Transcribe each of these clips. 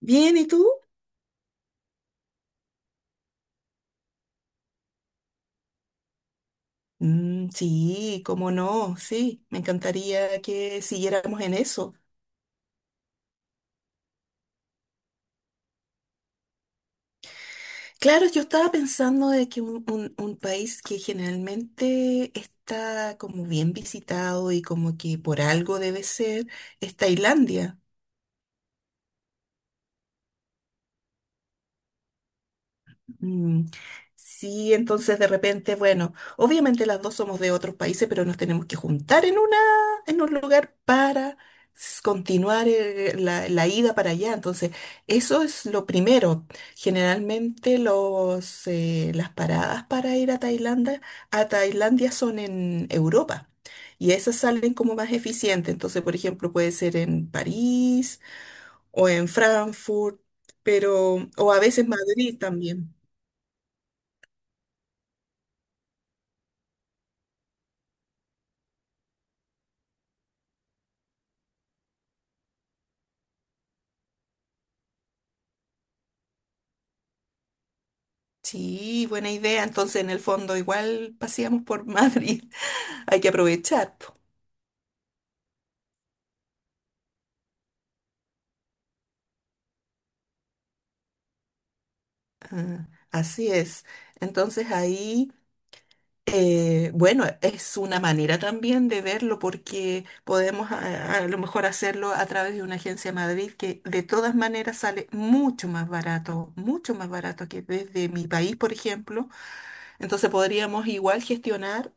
Bien, ¿y tú? Mm, sí, cómo no, sí, me encantaría que siguiéramos en eso. Claro, yo estaba pensando de que un país que generalmente está como bien visitado y como que por algo debe ser, es Tailandia. Mm. Sí, entonces de repente, bueno, obviamente las dos somos de otros países, pero nos tenemos que juntar en una, en un lugar para continuar la ida para allá. Entonces, eso es lo primero. Generalmente las paradas para ir a Tailandia son en Europa. Y esas salen como más eficientes. Entonces, por ejemplo, puede ser en París o en Frankfurt, pero, o a veces Madrid también. Sí, buena idea. Entonces, en el fondo, igual paseamos por Madrid. Hay que aprovechar, po. Ah, así es. Entonces, ahí, bueno, es una manera también de verlo porque podemos a lo mejor hacerlo a través de una agencia Madrid que de todas maneras sale mucho más barato que desde mi país, por ejemplo. Entonces, podríamos igual gestionar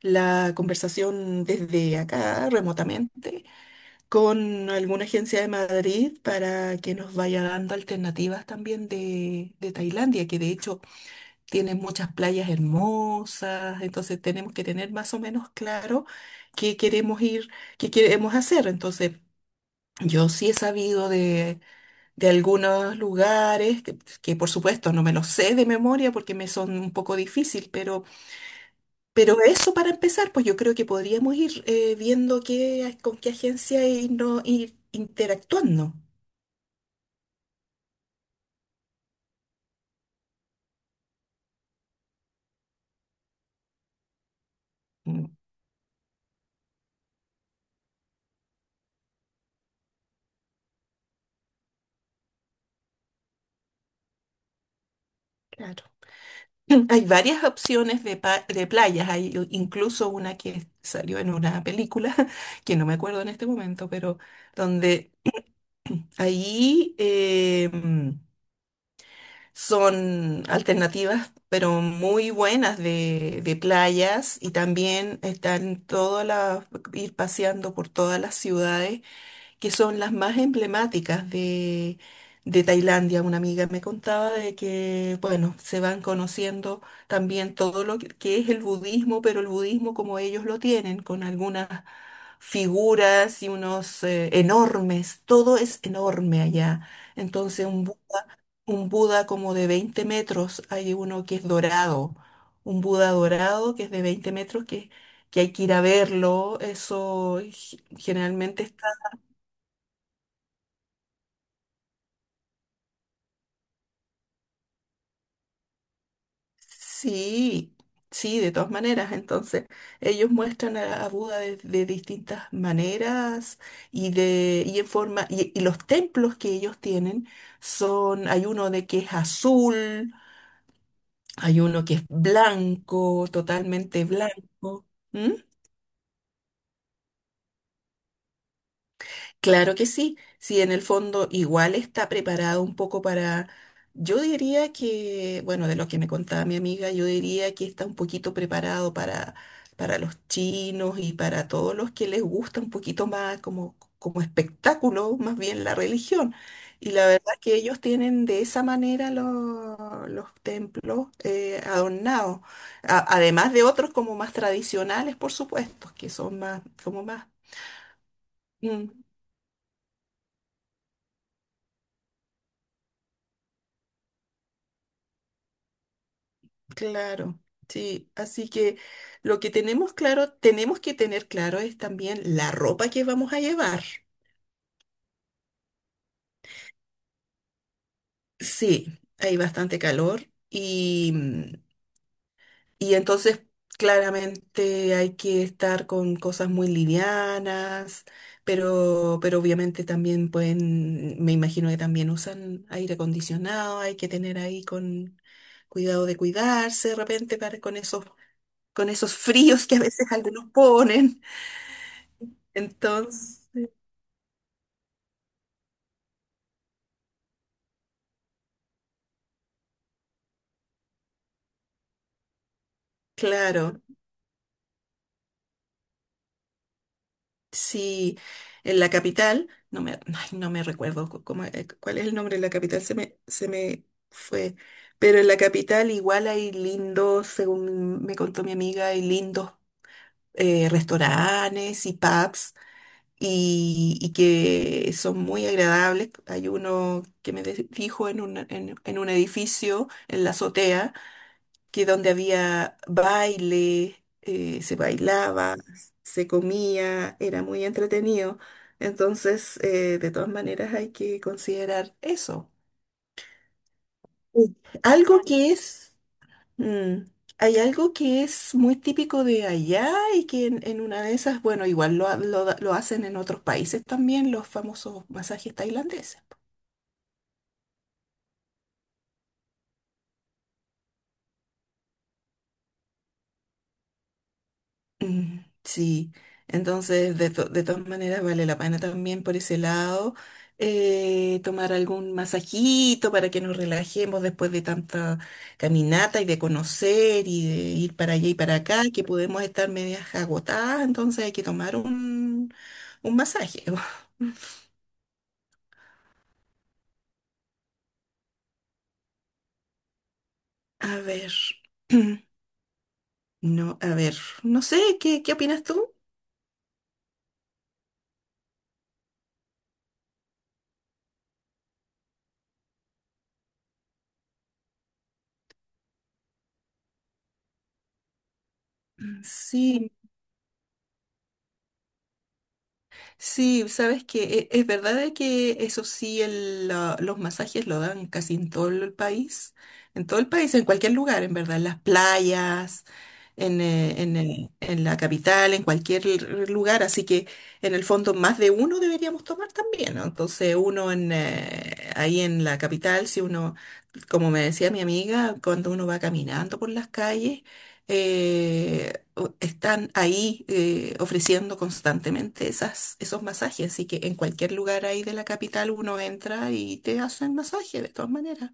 la conversación desde acá remotamente con alguna agencia de Madrid para que nos vaya dando alternativas también de Tailandia, que de hecho tiene muchas playas hermosas, entonces tenemos que tener más o menos claro qué queremos ir, qué queremos hacer. Entonces, yo sí he sabido de algunos lugares, que por supuesto no me los sé de memoria porque me son un poco difícil, pero eso para empezar, pues yo creo que podríamos ir viendo qué, con qué agencia y no ir interactuando. Mm. Claro. Hay varias opciones de, de playas, hay incluso una que salió en una película, que no me acuerdo en este momento, pero donde ahí son alternativas, pero muy buenas de playas y también están todas las, ir paseando por todas las ciudades que son las más emblemáticas de Tailandia. Una amiga me contaba de que, bueno, se van conociendo también todo lo que es el budismo, pero el budismo como ellos lo tienen, con algunas figuras y unos enormes, todo es enorme allá. Entonces, un Buda como de 20 metros, hay uno que es dorado, un Buda dorado que es de 20 metros, que hay que ir a verlo, eso generalmente. Sí, sí, de todas maneras. Entonces, ellos muestran a Buda de distintas maneras y de y en forma y los templos que ellos tienen son, hay uno de que es azul, hay uno que es blanco, totalmente blanco. Claro que sí. Si en el fondo igual está preparado un poco para, yo diría que, bueno, de lo que me contaba mi amiga, yo diría que está un poquito preparado para los chinos y para todos los que les gusta un poquito más como, como espectáculo, más bien la religión. Y la verdad que ellos tienen de esa manera los templos adornados, además de otros como más tradicionales, por supuesto, que son más, como más... Mm. Claro, sí. Así que lo que tenemos claro, tenemos que tener claro es también la ropa que vamos a llevar. Sí, hay bastante calor y, y entonces claramente hay que estar con cosas muy livianas, pero obviamente también pueden, me imagino que también usan aire acondicionado, hay que tener ahí con cuidado de cuidarse de repente para, con esos fríos que a veces algunos ponen. Entonces, claro, si en la capital, no me, ay, no me recuerdo cuál es el nombre de la capital, se me fue, pero en la capital igual hay lindos, según me contó mi amiga, hay lindos restaurantes y pubs y que son muy agradables. Hay uno que me dijo en un, en un edificio, en la azotea que donde había baile, se bailaba, se comía, era muy entretenido. Entonces, de todas maneras, hay que considerar eso. Sí. Algo que es, mm, hay algo que es muy típico de allá y que en una de esas, bueno, igual lo, ha- lo da- lo hacen en otros países también, los famosos masajes tailandeses. Mm. Sí, entonces de todas maneras vale la pena también por ese lado tomar algún masajito para que nos relajemos después de tanta caminata y de conocer y de ir para allá y para acá, que podemos estar medias agotadas, entonces hay que tomar un masaje. A ver, no, a ver, no sé, ¿qué, qué opinas tú? Sí. Sí, sabes que es verdad de que eso sí, los masajes lo dan casi en todo el país, en todo el país, en cualquier lugar, en verdad, en las playas, en, en la capital, en cualquier lugar, así que en el fondo más de uno deberíamos tomar también, ¿no? Entonces uno en, ahí en la capital, si uno, como me decía mi amiga, cuando uno va caminando por las calles, están ahí ofreciendo constantemente esos masajes, así que en cualquier lugar ahí de la capital uno entra y te hacen masaje de todas maneras,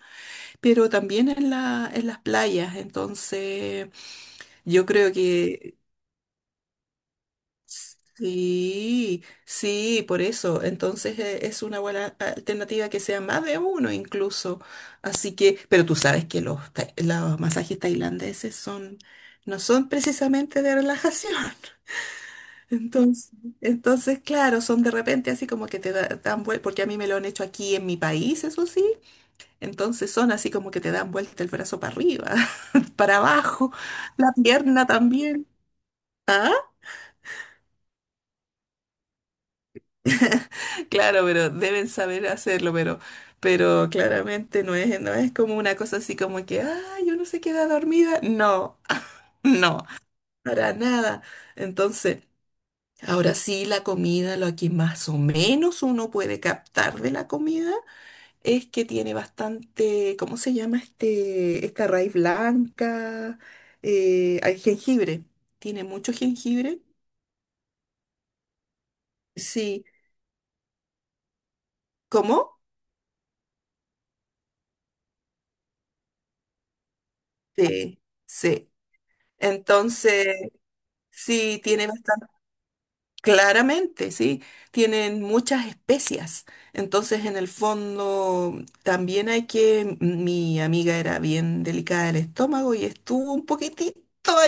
pero también en la, en las playas, entonces yo creo que sí, sí, por eso, entonces es una buena alternativa que sea más de uno incluso, así que, pero tú sabes que los masajes tailandeses son, no son precisamente de relajación. Entonces, entonces, claro, son de repente así como que dan vuelta, porque a mí me lo han hecho aquí en mi país, eso sí, entonces son así como que te dan vuelta el brazo para arriba, para abajo, la pierna también. ¿Ah? Claro, pero deben saber hacerlo, pero claramente no es, no es como una cosa así como que, ah, yo no se queda dormida. No, no, para nada. Entonces, ahora sí, la comida, lo que más o menos uno puede captar de la comida, es que tiene bastante, ¿cómo se llama este, esta raíz blanca? Hay jengibre, tiene mucho jengibre. Sí, ¿cómo? Sí, sí. Entonces, sí, tiene bastante, claramente, sí, tienen muchas especias. Entonces, en el fondo, también hay que, mi amiga era bien delicada del estómago y estuvo un poquitito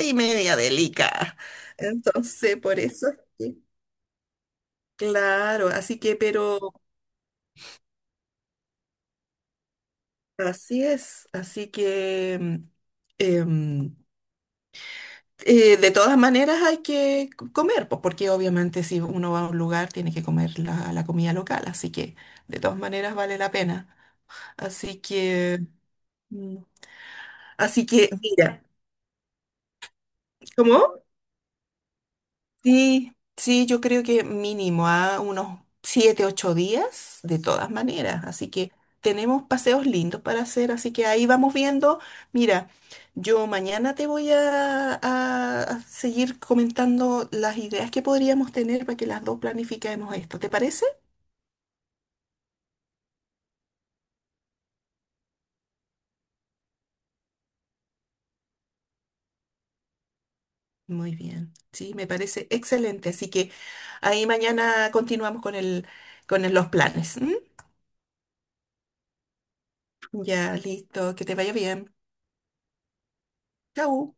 y media delicada. Entonces, por eso... es que. Claro, así que, pero así es, así que em, de todas maneras hay que comer, pues, porque obviamente si uno va a un lugar tiene que comer la comida local, así que de todas maneras vale la pena. Así que, mm, así que, mira, ¿cómo? Sí, sí, yo creo que mínimo a unos 7, 8 días, de todas maneras. Así que tenemos paseos lindos para hacer, así que ahí vamos viendo. Mira, yo mañana te voy a seguir comentando las ideas que podríamos tener para que las dos planifiquemos esto. ¿Te parece? Muy bien, sí, me parece excelente. Así que ahí mañana continuamos con con los planes. ¿M? Ya, listo, que te vaya bien. Chau.